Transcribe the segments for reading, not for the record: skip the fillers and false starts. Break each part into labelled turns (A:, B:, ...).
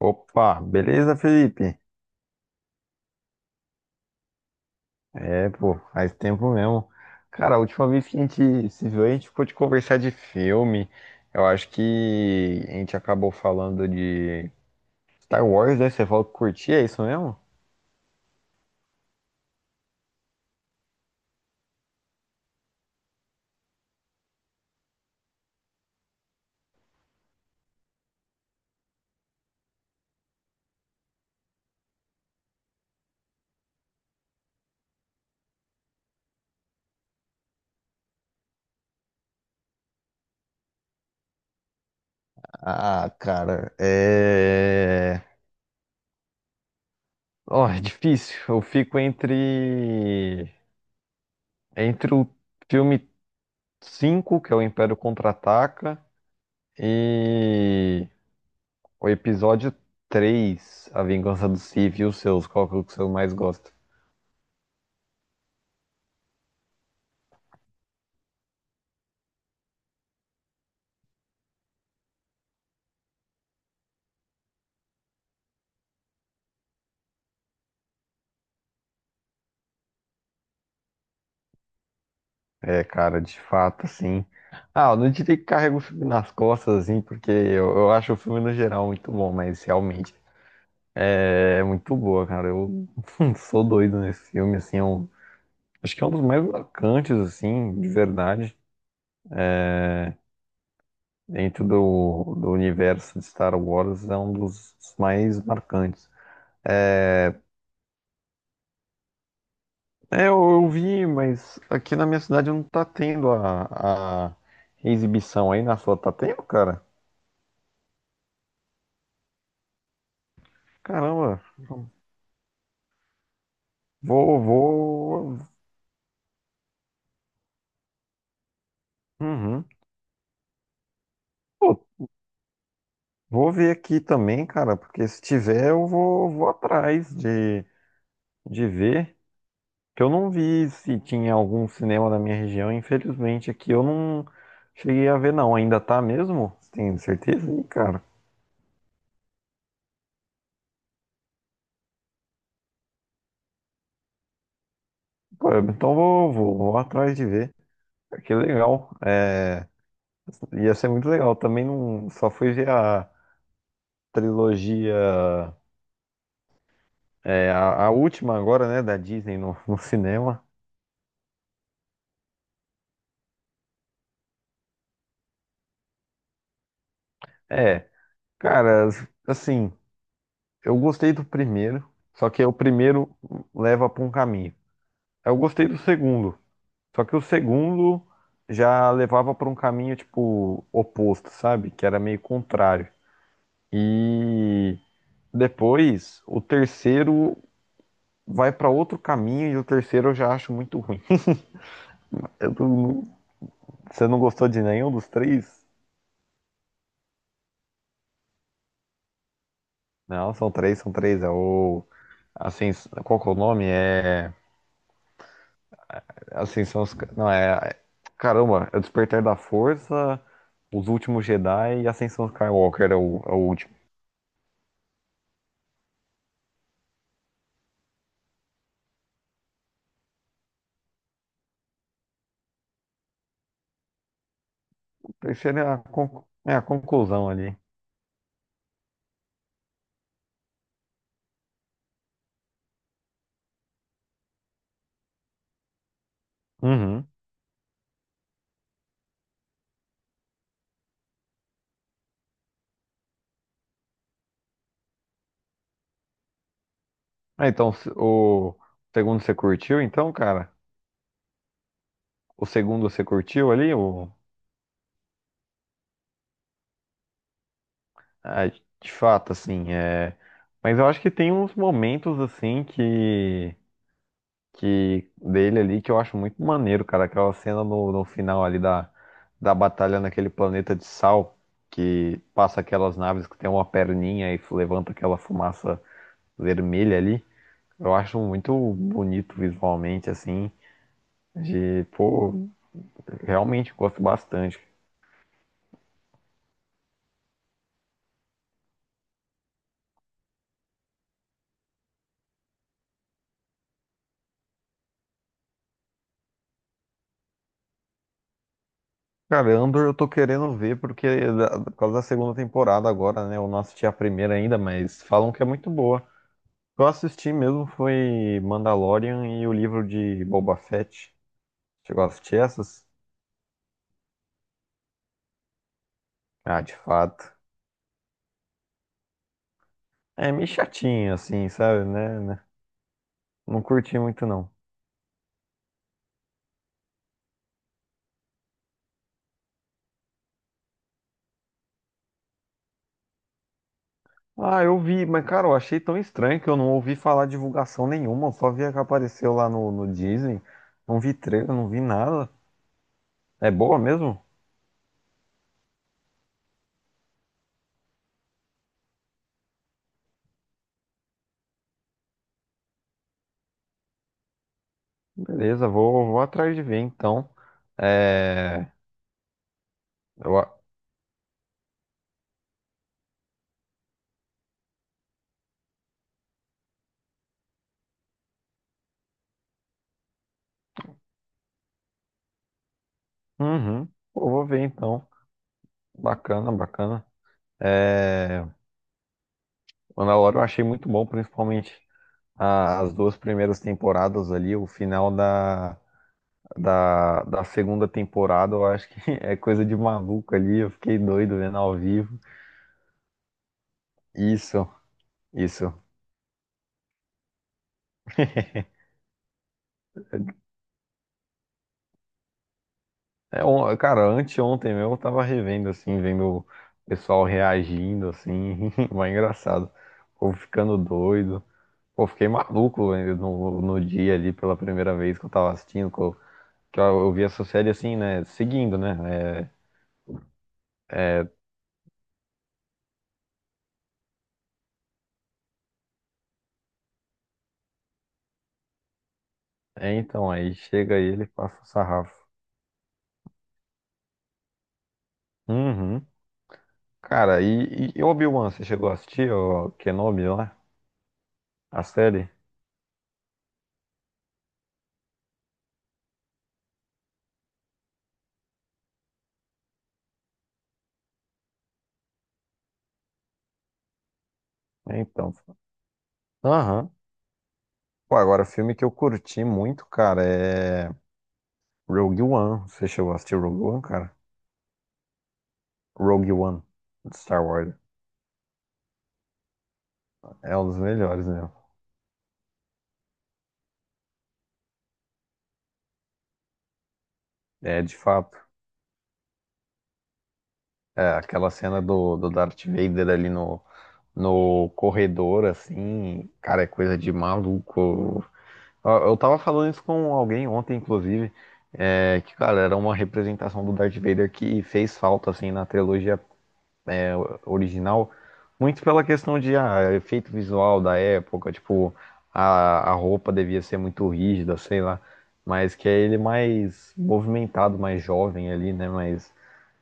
A: Opa, beleza, Felipe? É, pô, faz tempo mesmo. Cara, a última vez que a gente se viu, a gente ficou de conversar de filme. Eu acho que a gente acabou falando de Star Wars, né? Você falou que curtia, é isso mesmo? Ah, cara, é. Ó, é difícil. Eu fico entre. Entre o filme 5, que é o Império Contra-Ataca, e. O episódio 3, A Vingança do Sith e os seus, qual que é o que você mais gosta? É, cara, de fato, assim. Ah, eu não diria que carrega o filme nas costas, assim, porque eu acho o filme no geral muito bom, mas realmente é muito boa, cara. Eu sou doido nesse filme, assim. Acho que é um dos mais marcantes, assim, de verdade, dentro do universo de Star Wars, é um dos mais marcantes. É, eu vi, mas aqui na minha cidade não tá tendo a exibição aí na sua. Tá tendo, cara? Caramba, vou. Uhum. Pô, vou ver aqui também, cara, porque se tiver eu vou, vou atrás de ver. Que eu não vi se tinha algum cinema na minha região, infelizmente aqui eu não cheguei a ver, não. Ainda tá mesmo? Você tem certeza? Ih, cara. Pô, então vou atrás de ver. Que legal. É. Ia ser muito legal. Também não só fui ver a trilogia, é, a última agora, né, da Disney no cinema. É, cara, assim, eu gostei do primeiro, só que o primeiro leva para um caminho. Eu gostei do segundo, só que o segundo já levava para um caminho tipo oposto, sabe? Que era meio contrário. E depois o terceiro vai para outro caminho e o terceiro eu já acho muito ruim. Eu não, Você não gostou de nenhum dos três? Não, são três, são três. É o. Assim, qual que é o nome? É. Ascensão. Não, é. Caramba, é o Despertar da Força, Os Últimos Jedi e Ascensão Skywalker é o, é o último. O terceiro é é a conclusão ali. Uhum. Ah, então, o segundo você curtiu, então, cara? O segundo você curtiu ali? O... Ah, de fato, assim, é. Mas eu acho que tem uns momentos, assim, que dele ali que eu acho muito maneiro, cara. Aquela cena no final ali da, da batalha naquele planeta de sal, que passa aquelas naves que tem uma perninha e levanta aquela fumaça vermelha ali. Eu acho muito bonito visualmente, assim. De, pô, realmente gosto bastante. Cara, Andor eu tô querendo ver porque por causa da segunda temporada agora, né? Eu não assisti a primeira ainda, mas falam que é muito boa. Eu assisti mesmo foi Mandalorian e o livro de Boba Fett. Chegou a assistir essas? Ah, de fato. É meio chatinho assim, sabe, né? Né? Não curti muito não. Ah, eu vi, mas cara, eu achei tão estranho que eu não ouvi falar divulgação nenhuma. Eu só vi a que apareceu lá no Disney. Não vi trailer, não vi nada. É boa mesmo? Beleza, vou atrás de ver então. É. Eu... a- Uhum. Pô, vou ver então. Bacana, bacana. É. Mandalorian eu achei muito bom, principalmente as duas primeiras temporadas ali, o final da segunda temporada, eu acho que é coisa de maluco ali, eu fiquei doido vendo ao vivo. Isso, isso. É, cara, anteontem mesmo eu tava revendo, assim, vendo o pessoal reagindo, assim, mas é engraçado. O povo ficando doido. Pô, eu fiquei maluco no dia ali, pela primeira vez que eu tava assistindo, que eu vi essa série assim, né, seguindo, né, é. É, então, aí chega ele e passa o sarrafo. Uhum. Cara, e Obi-Wan, você chegou a assistir o Kenobi lá? A série? É, então. Aham. Pô, agora, filme que eu curti muito, cara, é Rogue One. Você chegou a assistir Rogue One, cara? Rogue One, de Star Wars. É um dos melhores, né? É, de fato. É, aquela cena do Darth Vader ali no corredor, assim, cara, é coisa de maluco. Ó, eu tava falando isso com alguém ontem, inclusive, é, que, cara, era uma representação do Darth Vader que fez falta, assim, na trilogia é, original, muito pela questão de efeito visual da época, tipo, a roupa devia ser muito rígida, sei lá, mas que é ele mais movimentado, mais jovem ali, né, mas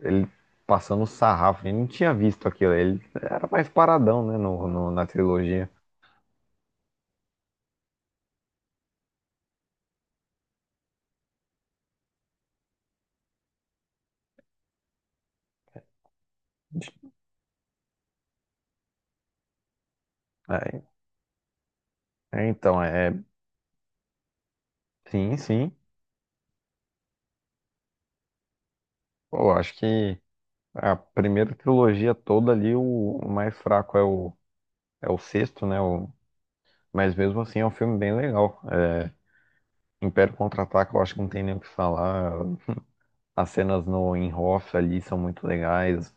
A: ele passando sarrafo, ele não tinha visto aquilo, ele era mais paradão, né, na trilogia. É, então, é, sim, sim. Pô, eu acho que a primeira trilogia toda ali, o mais fraco é é o sexto, né? O, mas mesmo assim é um filme bem legal. É, Império Contra-Ataca, eu acho que não tem nem o que falar. As cenas no em Hoth ali são muito legais.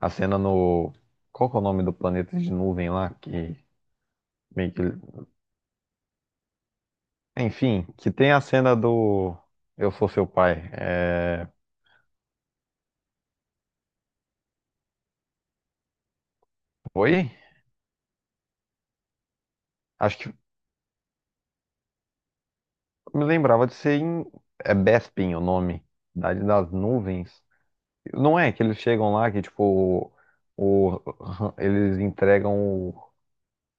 A: A cena no. Qual que é o nome do planeta de nuvem lá? Que meio que. Enfim, que tem a cena do Eu Sou Seu Pai. É. Foi? Acho que me lembrava de ser em. É Bespin o nome. Cidade das Nuvens. Não é que eles chegam lá que, tipo, eles entregam o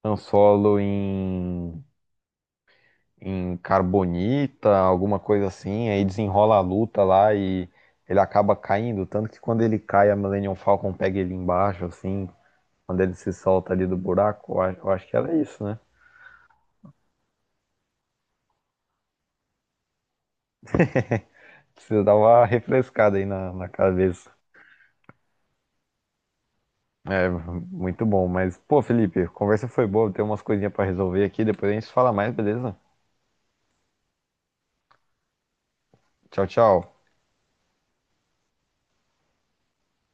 A: Han Solo em, em carbonita, alguma coisa assim, aí desenrola a luta lá e ele acaba caindo. Tanto que quando ele cai, a Millennium Falcon pega ele embaixo, assim, quando ele se solta ali do buraco. Eu acho que era isso, né? Precisa dar uma refrescada aí na cabeça. É, muito bom. Mas, pô, Felipe, a conversa foi boa, tem umas coisinhas pra resolver aqui, depois a gente fala mais, beleza? Tchau, tchau.